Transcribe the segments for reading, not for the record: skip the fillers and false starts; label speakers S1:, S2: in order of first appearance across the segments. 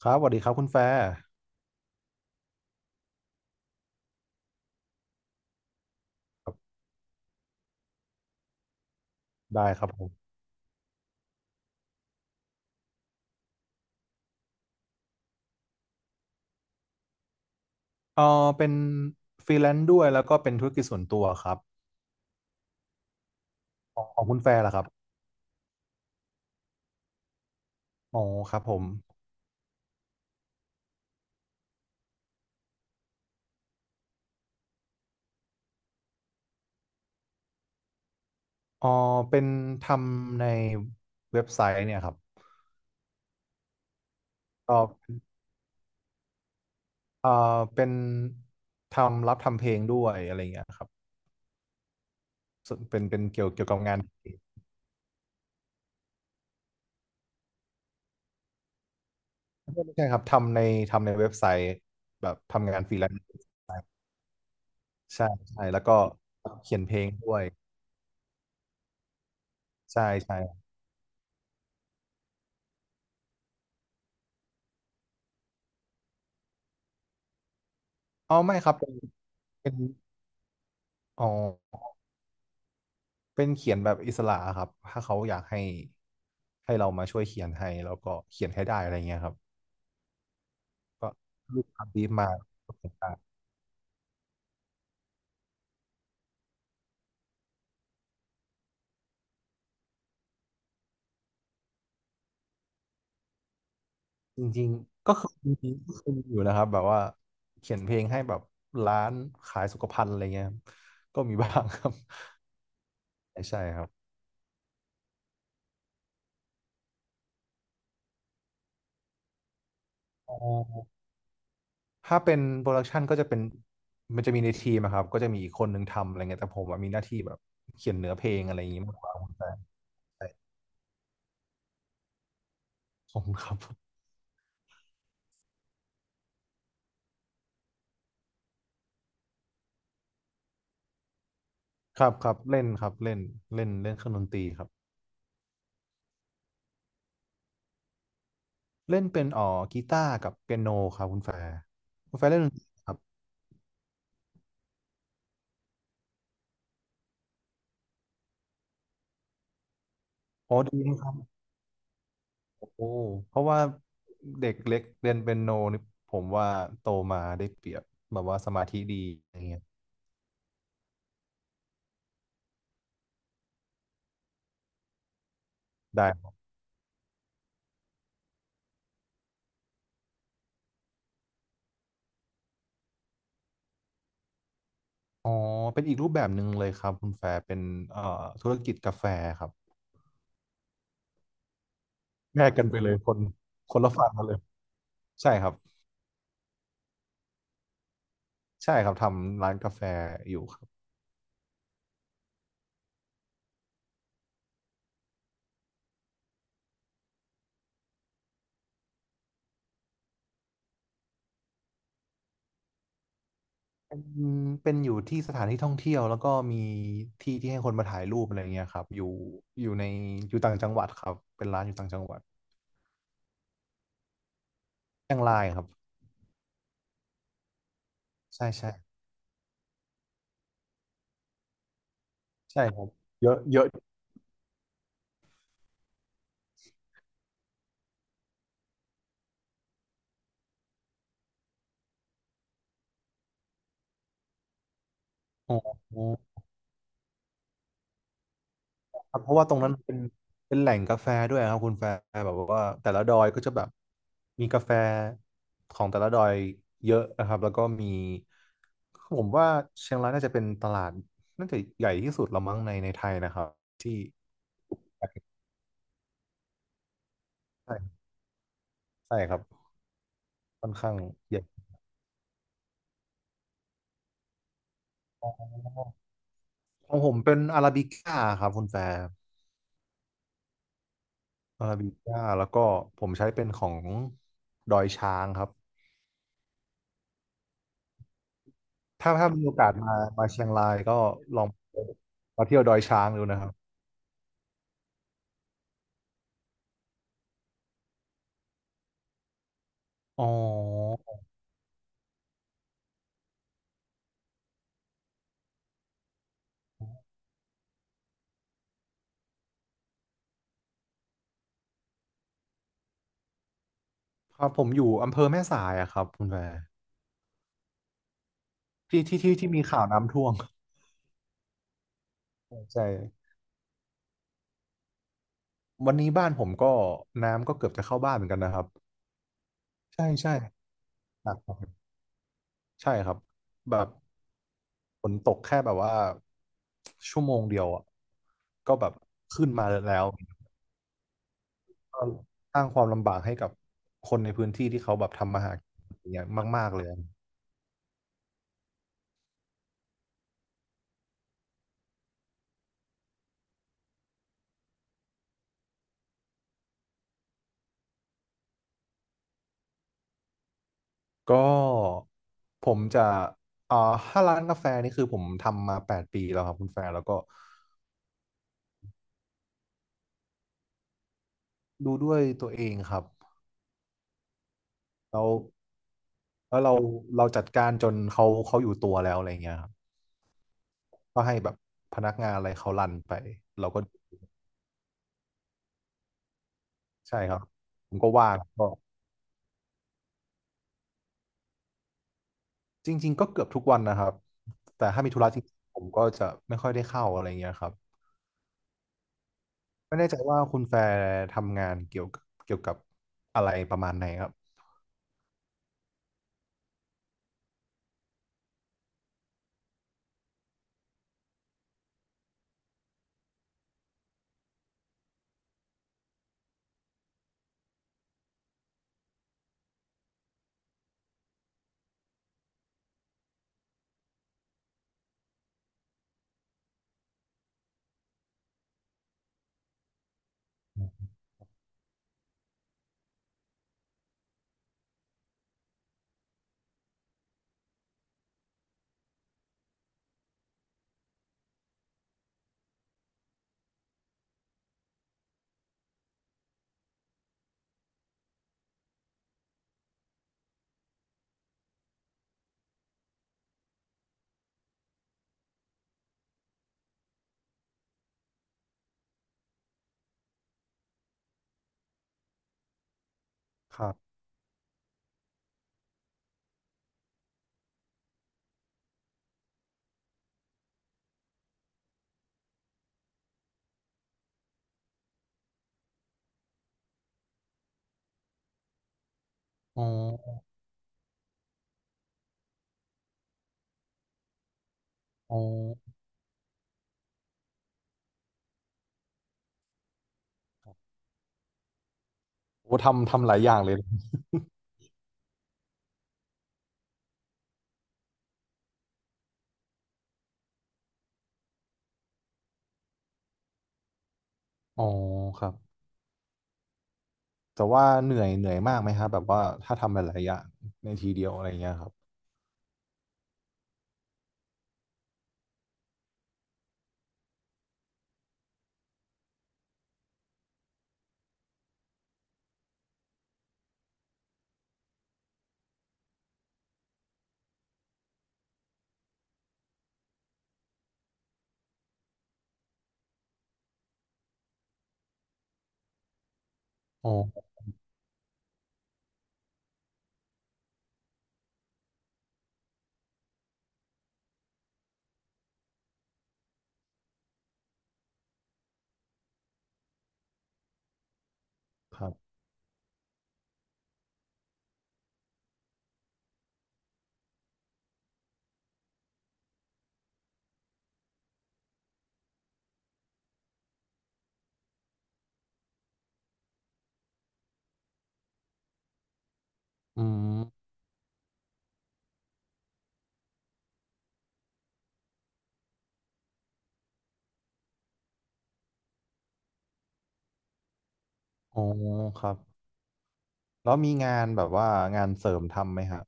S1: ครับสวัสดีครับคุณแฟร์ได้ครับผมเออเป็นฟรีแลนซ์ด้วยแล้วก็เป็นธุรกิจส่วนตัวครับของคุณแฟร์ล่ะครับอ๋อครับผมเออเป็นทำในเว็บไซต์เนี่ยครับก็เออเป็นทำรับทำเพลงด้วยอะไรเงี้ยครับส่วนเป็นเกี่ยวกับงานเพลงไม่ใช่ครับทำในเว็บไซต์แบบทำงานฟรีแลนซ์ใช่ใช่แล้วก็เขียนเพลงด้วยใช่ใช่อ๋อาไม่ครับเป็นเป็นอ๋อ เป็นเขียนแบบอิสระครับถ้าเขาอยากให้เรามาช่วยเขียนให้แล้วก็เขียนให้ได้อะไรเงี้ยครับก็ลูกค้าบีฟมาก็เขียนได้จริงๆก็เคยมีอยู่นะครับแบบว่าเขียนเพลงให้แบบร้านขายสุขภัณฑ์อะไรเงี้ยครับก็มีบ้างครับใช่ใช่ครับอ๋อถ้าเป็นโปรดักชันก็จะเป็นมันจะมีในทีมอะครับก็จะมีอีกคนนึงทำอะไรเงี้ยแต่ผมอะมีหน้าที่แบบเขียนเนื้อเพลงอะไรอย่างงี้มากกว่าคุณแต่ขอครับ ครับครับเล่นครับเล่นเล่นเล่นเครื่องดนตรีครับเล่นเป็นอ๋อกีตาร์กับเปียโนครับคุณแฟร์คุณแฟร์เล่นดนตรีครับโอ้อดีครับโอ้เพราะว่าเด็กเล็กเรียนเปียโนนี่ผมว่าโตมาได้เปรียบแบบว่าสมาธิดีอะไรเงี้ยได้อ๋อเป็นอีกรูปแบบหนึ่งเลยครับคุณแฟร์เป็นเอ่อธุรกิจกาแฟครับแยกกันไปเลยคนละฝั่งกันเลยใช่ครับใช่ครับทำร้านกาแฟอยู่ เป็นเป็นอยู่ที่สถานที่ท่องเที่ยวแล้วก็มีที่ที่ให้คนมาถ่ายรูปอะไรเงี้ยครับอยู่ในอยู่ต่างจังหวัดครับเป็นร้านอยู่ต่างจังหวัดเชียงรายครับใช่ใช่ใช่ครับเยอะเยอะโอ้โหครับเพราะว่าตรงนั้นเป็นแหล่งกาแฟด้วยครับคุณแฟร์แบบว่าแต่ละดอยก็จะแบบมีกาแฟของแต่ละดอยเยอะนะครับแล้วก็มีผมว่าเชียงรายน่าจะเป็นตลาดน่าจะใหญ่ที่สุดละมั้งในไทยนะครับที่ใช่ใช่ครับ ค่อนข้างใหญ่อ๋อของผมเป็นอาราบิก้าครับคุณแฟร์อาราบิก้าแล้วก็ผมใช้เป็นของดอยช้างครับถ้ามีโอกาสมาเชียงรายก็ลองมาเที่ยวดอยช้างดูนะครับอ๋อครับผมอยู่อำเภอแม่สายอะครับคุณแฟร์ที่มีข่าวน้ำท่วมใช่วันนี้บ้านผมก็น้ำก็เกือบจะเข้าบ้านเหมือนกันนะครับใช่ใช่หนักครับใช่ครับแบบ ฝนตกแค่แบบว่าชั่วโมงเดียวอ่ะก็แบบขึ้นมาแล้วก็สร้างความลำบากให้กับคนในพื้นที่ที่เขาแบบทำมาหากินอย่างเงี้ยมากๆเลยก็ผมจะอ่าถ้าร้านกาแฟนี่คือผมทำมา8 ปีแล้วครับคุณแฟร์แล้วก็ดูด้วยตัวเองครับแล้วแล้วเราจัดการจนเขาอยู่ตัวแล้วอะไรเงี้ยครับก็ให้แบบพนักงานอะไรเขารันไปเราก็ใช่ครับผมก็ว่างก็ จริงๆก็เกือบทุกวันนะครับแต่ถ้ามีธุระจริงๆผมก็จะไม่ค่อยได้เข้าอะไรเงี้ยครับ ไม่แน่ใจว่าคุณแฟร์ทำงานเกี่ยวกับอะไรประมาณไหนครับครับอ๋ออ๋อโอ้ทำหลายอย่างเลยอ๋อครับ แต่ว่าเหนื่อยมากไหมครับแบบว่าถ้าทำหลายๆอย่างในทีเดียวอะไรเงี้ยครับอ๋อครับอืมอ๋อครับแล้วมีงานแบบว่างานเสริมทำไหมครับ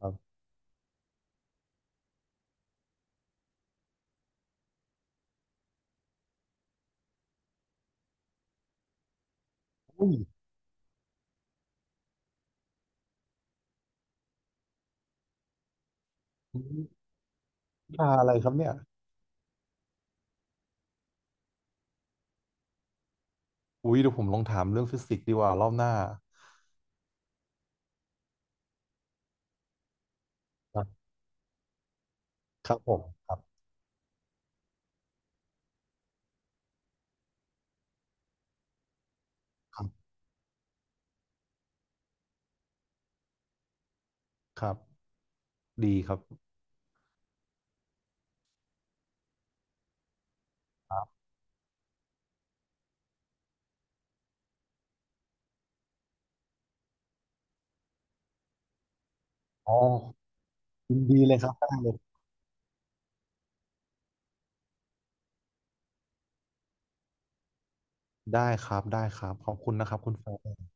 S1: ครับอุ้ยวิชาอะไรครับเนี่ย อุ้ยเดี๋ยวผมลองถามเรื่องฟิสิกส์ดีกว่ารอบหน้าครับครับผมครับครับครับดีครับครับอ๋อยินดีเลยครับได้เลยได้ครับได้ครับขอบคุณนะครับคุณแฟน